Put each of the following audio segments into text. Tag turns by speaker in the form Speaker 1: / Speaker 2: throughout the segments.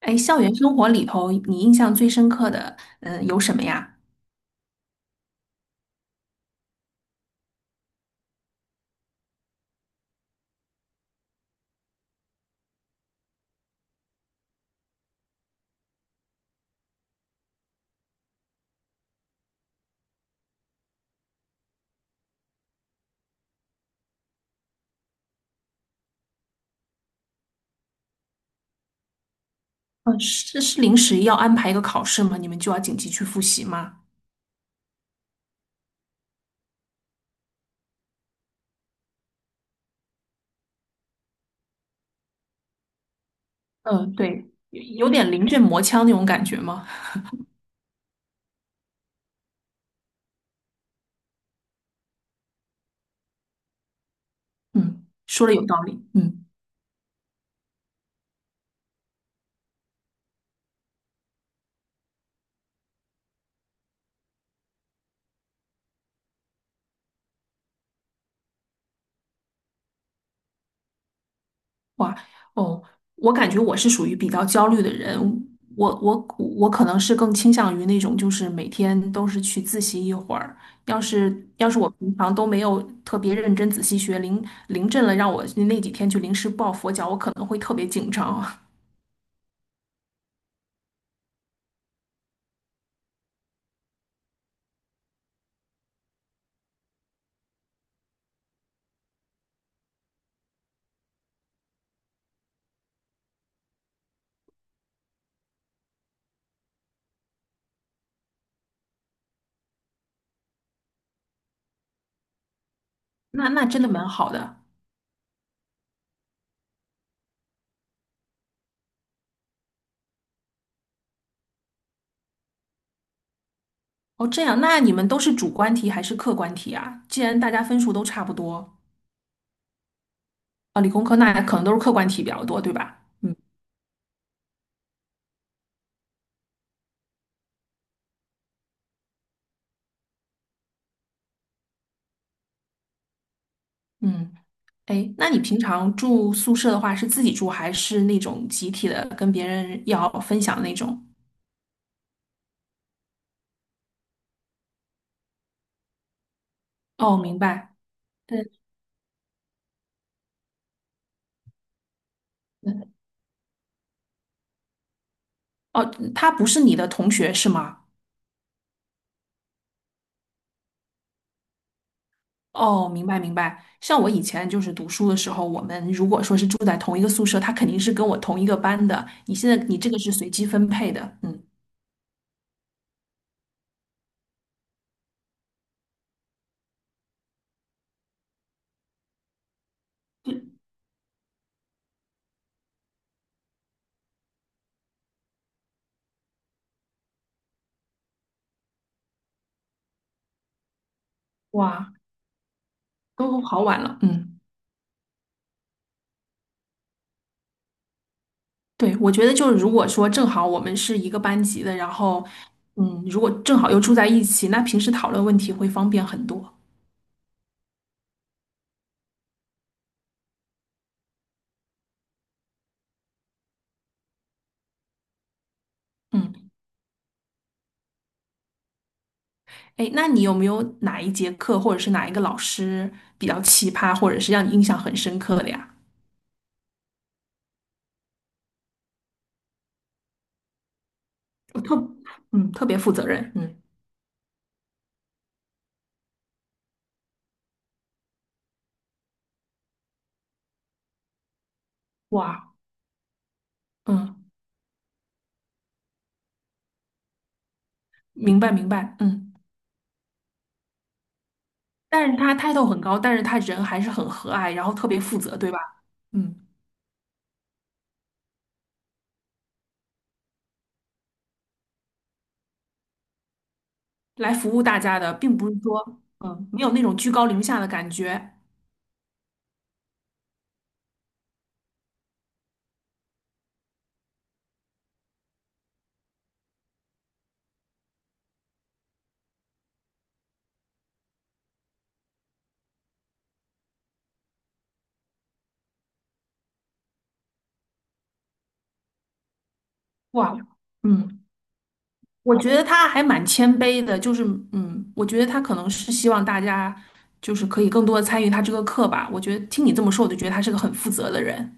Speaker 1: 哎，校园生活里头，你印象最深刻的，有什么呀？嗯，是临时要安排一个考试吗？你们就要紧急去复习吗？嗯，对，有点临阵磨枪那种感觉吗？嗯，说的有道理。嗯。哇，哦，我感觉我是属于比较焦虑的人，我我我可能是更倾向于那种，就是每天都是去自习一会儿。要是我平常都没有特别认真仔细学，临阵了让我那几天去临时抱佛脚，我可能会特别紧张。那真的蛮好的。哦，这样，那你们都是主观题还是客观题啊？既然大家分数都差不多，啊，理工科那可能都是客观题比较多，对吧？嗯嗯。哎，那你平常住宿舍的话，是自己住还是那种集体的，跟别人要分享那种？哦，明白。对，对哦，他不是你的同学是吗？哦，明白明白。像我以前就是读书的时候，我们如果说是住在同一个宿舍，他肯定是跟我同一个班的。你现在你这个是随机分配的，嗯，哇，都好晚了，嗯，对，我觉得就是如果说正好我们是一个班级的，然后嗯，如果正好又住在一起，那平时讨论问题会方便很多。嗯，哎，那你有没有哪一节课或者是哪一个老师比较奇葩，或者是让你印象很深刻的呀？我特，嗯，特别负责任，嗯，哇，嗯，明白明白，嗯，但是他态度很高，但是他人还是很和蔼，然后特别负责，对吧？嗯，来服务大家的，并不是说，嗯，没有那种居高临下的感觉，哇，嗯。我觉得他还蛮谦卑的，就是嗯，我觉得他可能是希望大家就是可以更多的参与他这个课吧。我觉得听你这么说，我就觉得他是个很负责的人。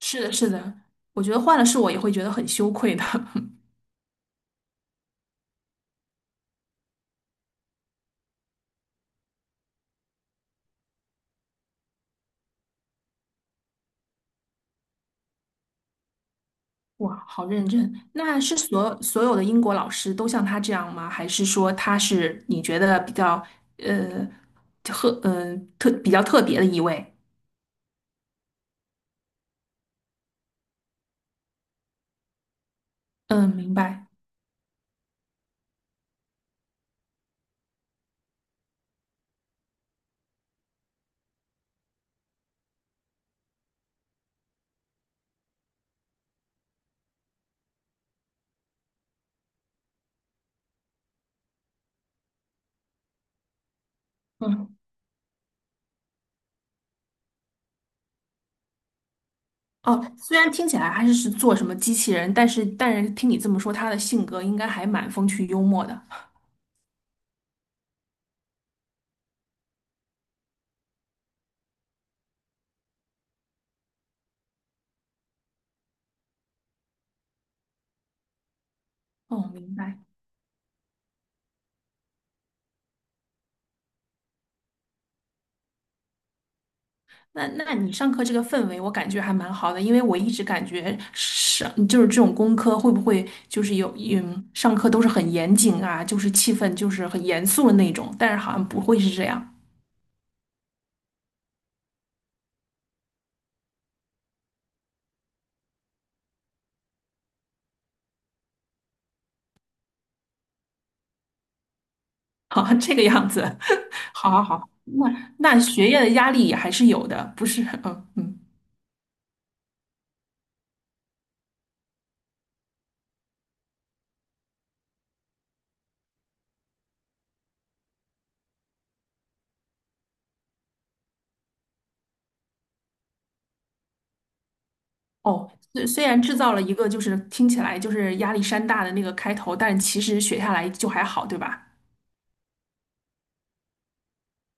Speaker 1: 是的，是的，我觉得换了是我也会觉得很羞愧的。哇，好认真！那是所有的英国老师都像他这样吗？还是说他是你觉得比较呃特呃特比较特别的一位？嗯，明白。嗯。哦，虽然听起来还是是做什么机器人，但是听你这么说，他的性格应该还蛮风趣幽默的。哦，明白。那你上课这个氛围，我感觉还蛮好的，因为我一直感觉上就是这种工科会不会就是有上课都是很严谨啊，就是气氛就是很严肃的那种，但是好像不会是这样。好，这个样子，好好好，那学业的压力也还是有的，不是？嗯嗯。哦，虽然制造了一个就是听起来就是压力山大的那个开头，但其实学下来就还好，对吧？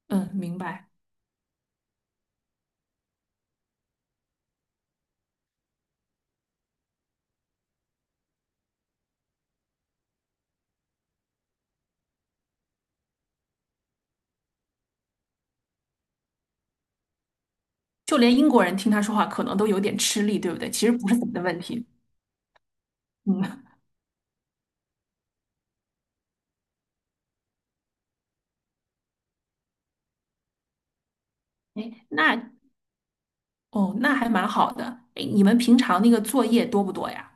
Speaker 1: 嗯，明白。就连英国人听他说话可能都有点吃力，对不对？其实不是怎么的问题。嗯，哎，那哦，那还蛮好的。哎，你们平常那个作业多不多呀？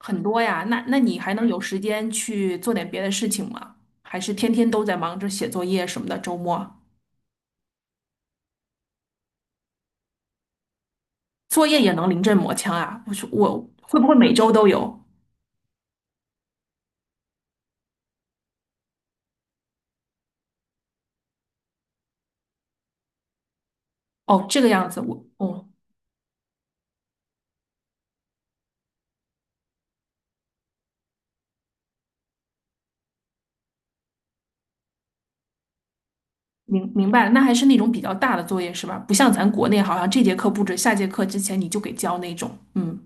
Speaker 1: 很多呀。那你还能有时间去做点别的事情吗？还是天天都在忙着写作业什么的？周末作业也能临阵磨枪啊？我说我会不会每周都有？哦，这个样子，我哦。明明白了，那还是那种比较大的作业是吧？不像咱国内，好像这节课布置，下节课之前你就给交那种。嗯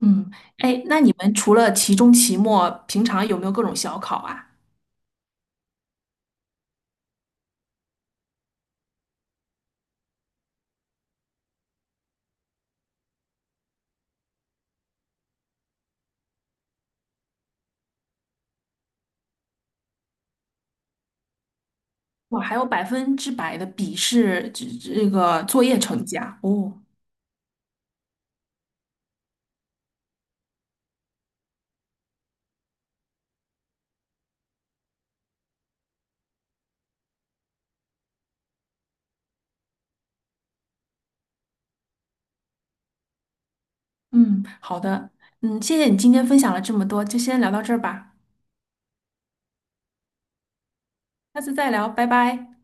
Speaker 1: 嗯，哎，那你们除了期中、期末，平常有没有各种小考啊？哇，还有百分之百的笔试，这个作业成绩啊！哦，嗯，好的，嗯，谢谢你今天分享了这么多，就先聊到这儿吧，下次再聊，拜拜。